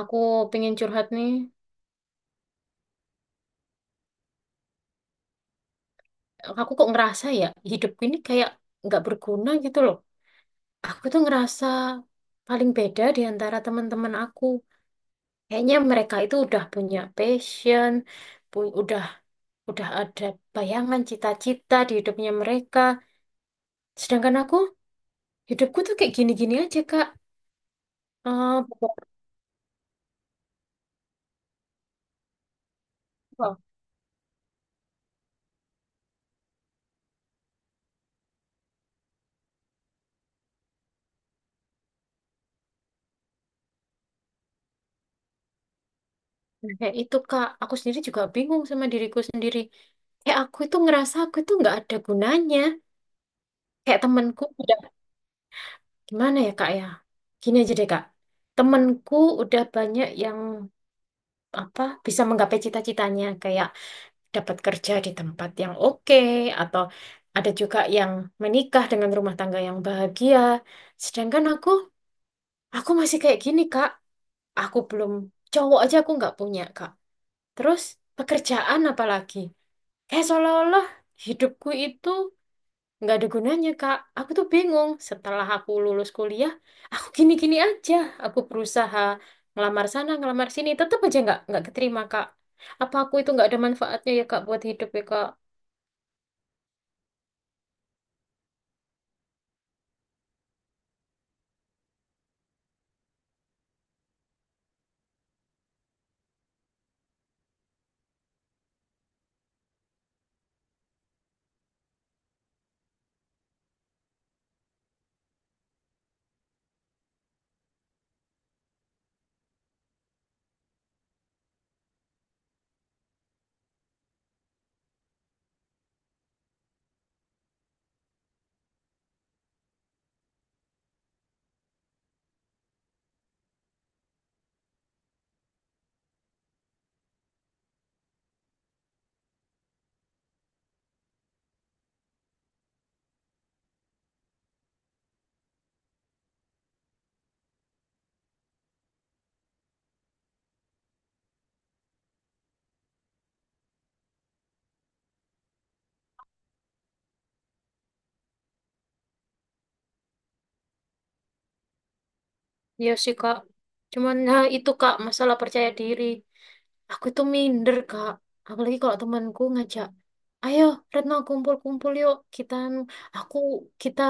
Aku pengen curhat nih. Aku kok ngerasa ya hidupku ini kayak nggak berguna gitu loh. Aku tuh ngerasa paling beda di antara teman-teman aku. Kayaknya mereka itu udah punya passion, pu- udah udah ada bayangan cita-cita di hidupnya mereka. Sedangkan aku, hidupku tuh kayak gini-gini aja, Kak. Eh, Beberapa. Nah, kayak itu, Kak. Aku sendiri juga bingung sama diriku sendiri. Kayak aku itu ngerasa aku itu nggak ada gunanya. Kayak temanku. Gimana ya Kak ya? Gini aja deh Kak. Temenku udah banyak yang apa bisa menggapai cita-citanya, kayak dapat kerja di tempat yang oke, atau ada juga yang menikah dengan rumah tangga yang bahagia. Sedangkan aku masih kayak gini Kak. Aku belum, cowok aja aku nggak punya Kak. Terus pekerjaan apalagi? Kayak seolah-olah hidupku itu nggak ada gunanya Kak. Aku tuh bingung. Setelah aku lulus kuliah, aku gini-gini aja. Aku berusaha ngelamar sana, ngelamar sini, tetap aja nggak keterima Kak. Apa aku itu nggak ada manfaatnya ya Kak buat hidup ya Kak? Iya sih Kak. Cuman nah itu Kak masalah percaya diri. Aku itu minder Kak. Apalagi kalau temanku ngajak, ayo Retno kumpul-kumpul yuk kita anu, aku, kita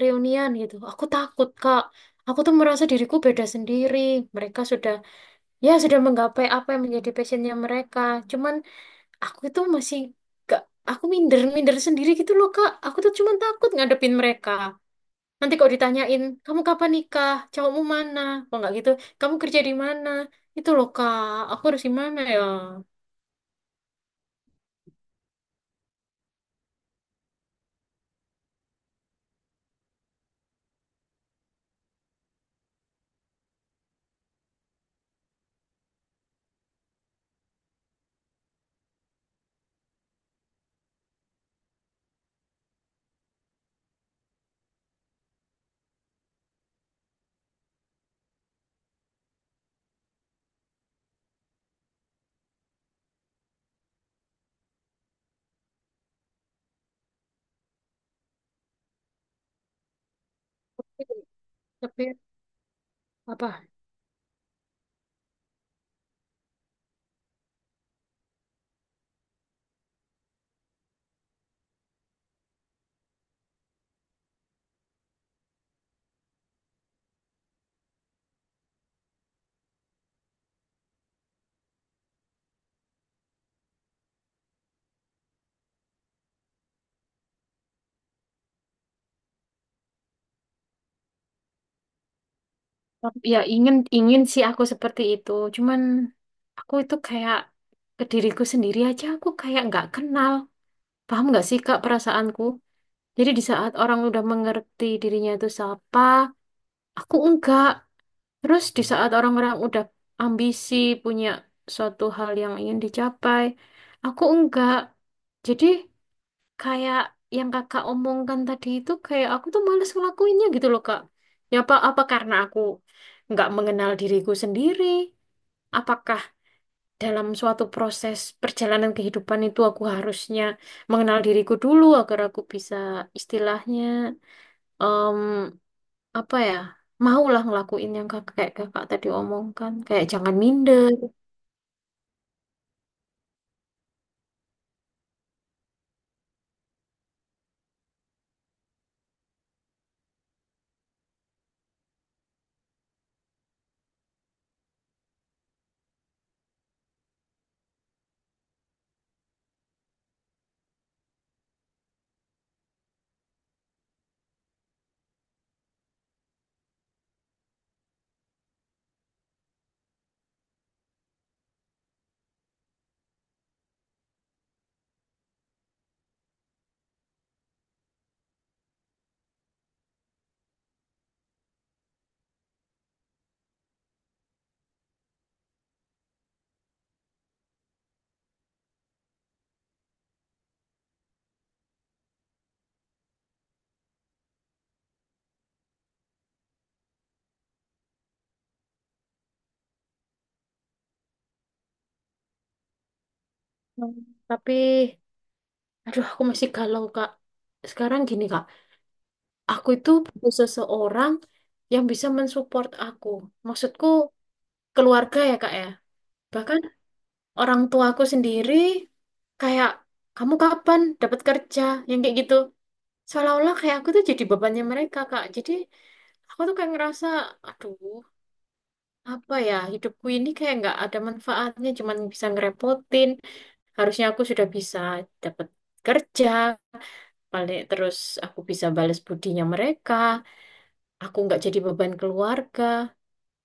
reunian gitu. Aku takut Kak. Aku tuh merasa diriku beda sendiri. Mereka sudah menggapai apa yang menjadi passionnya mereka, cuman aku itu masih gak aku minder minder sendiri gitu loh kak. Aku tuh cuman takut ngadepin mereka, nanti kalau ditanyain kamu kapan nikah, cowokmu mana, kok nggak gitu, kamu kerja di mana, itu loh kak, aku harus gimana ya? Tapi apa ya, ingin ingin sih aku seperti itu, cuman aku itu kayak ke diriku sendiri aja aku kayak nggak kenal. Paham nggak sih kak perasaanku? Jadi di saat orang udah mengerti dirinya itu siapa, aku enggak. Terus di saat orang-orang udah ambisi punya suatu hal yang ingin dicapai, aku enggak. Jadi kayak yang kakak omongkan tadi itu kayak aku tuh males ngelakuinnya gitu loh kak. Ya apa apa karena aku enggak mengenal diriku sendiri? Apakah dalam suatu proses perjalanan kehidupan itu aku harusnya mengenal diriku dulu agar aku bisa istilahnya, mmm, apa ya, maulah ngelakuin yang kakak kayak kakak tadi omongkan, kayak jangan minder gitu. Tapi aduh aku masih galau kak. Sekarang gini kak, aku itu butuh seseorang yang bisa mensupport aku, maksudku keluarga ya kak ya. Bahkan orang tuaku sendiri kayak, kamu kapan dapat kerja, yang kayak gitu. Seolah-olah kayak aku tuh jadi bebannya mereka kak. Jadi aku tuh kayak ngerasa aduh apa ya, hidupku ini kayak nggak ada manfaatnya cuman bisa ngerepotin. Harusnya aku sudah bisa dapat kerja, paling terus aku bisa balas budinya mereka, aku nggak jadi beban keluarga.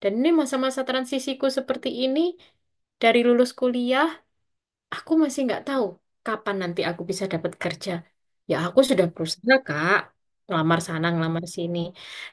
Dan ini masa-masa transisiku seperti ini, dari lulus kuliah aku masih nggak tahu kapan nanti aku bisa dapat kerja. Ya aku sudah berusaha kak, ngelamar sana ngelamar sini,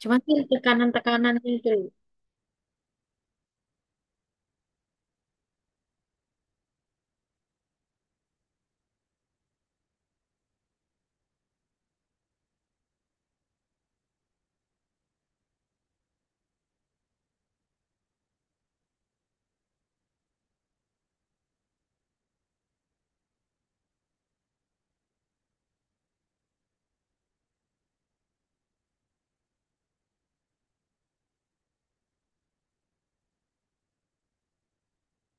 cuman kan tekanan-tekanan itu.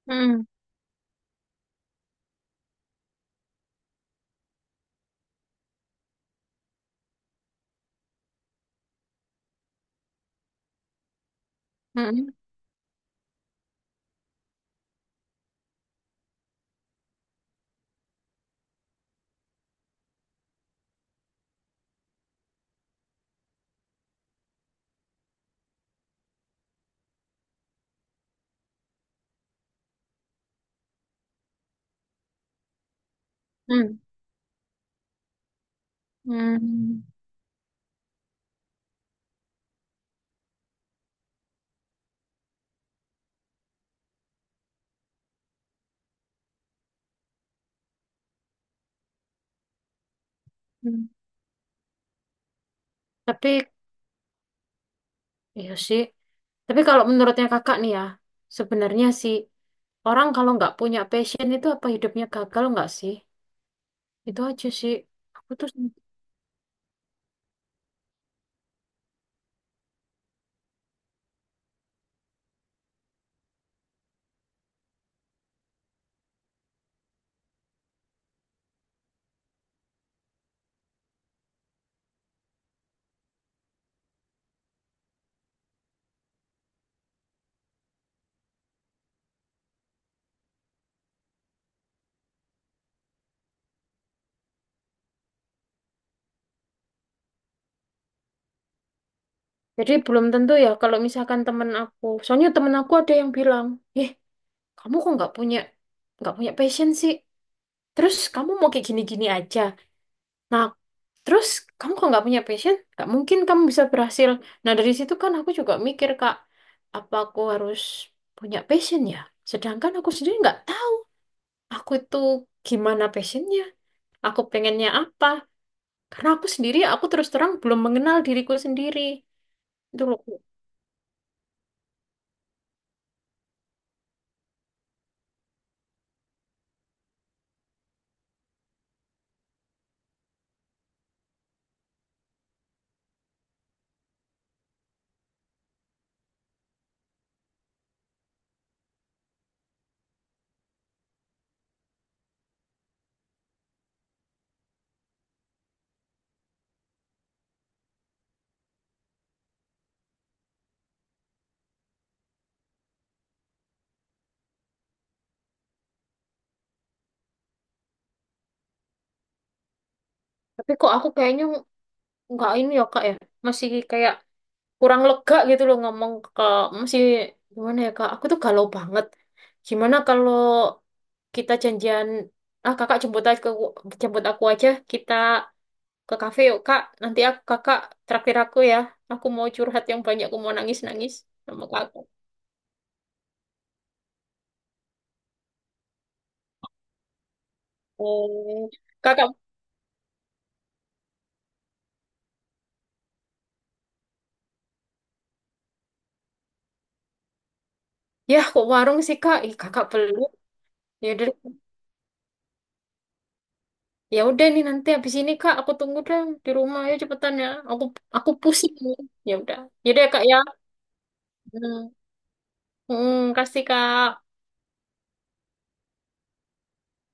Hmm, hmm, hmm, hmm. Hmm. Tapi ya sih. Tapi kalau menurutnya kakak nih ya, sebenarnya sih orang kalau nggak punya passion itu apa hidupnya gagal nggak sih? Itu aja sih. Aku tuh. Jadi belum tentu ya kalau misalkan temen aku, soalnya temen aku ada yang bilang, eh kamu kok nggak punya passion sih? Terus kamu mau kayak gini-gini aja. Nah, terus kamu kalau nggak punya passion, nggak mungkin kamu bisa berhasil. Nah, dari situ kan aku juga mikir, Kak, apa aku harus punya passion ya? Sedangkan aku sendiri nggak tahu aku itu gimana passionnya, aku pengennya apa. Karena aku sendiri, aku terus terang belum mengenal diriku sendiri. Itu loh. Tapi kok aku kayaknya nggak ini ya, Kak ya? Masih kayak kurang lega gitu loh ngomong ke, masih gimana ya kak, aku tuh galau banget. Gimana kalau kita janjian, ah kakak jemput aja ke, jemput aku aja, kita ke kafe yuk kak, nanti aku kakak traktir aku ya, aku mau curhat yang banyak, aku mau nangis nangis sama kakak. Oh kakak, ya kok warung sih kak? Ih, kakak belum, ya udah ya udah nih nanti habis ini kak aku tunggu deh di rumah ya, cepetan ya aku pusing, ya udah, ya udah kak ya. Hmm. Mm, kasih Kak.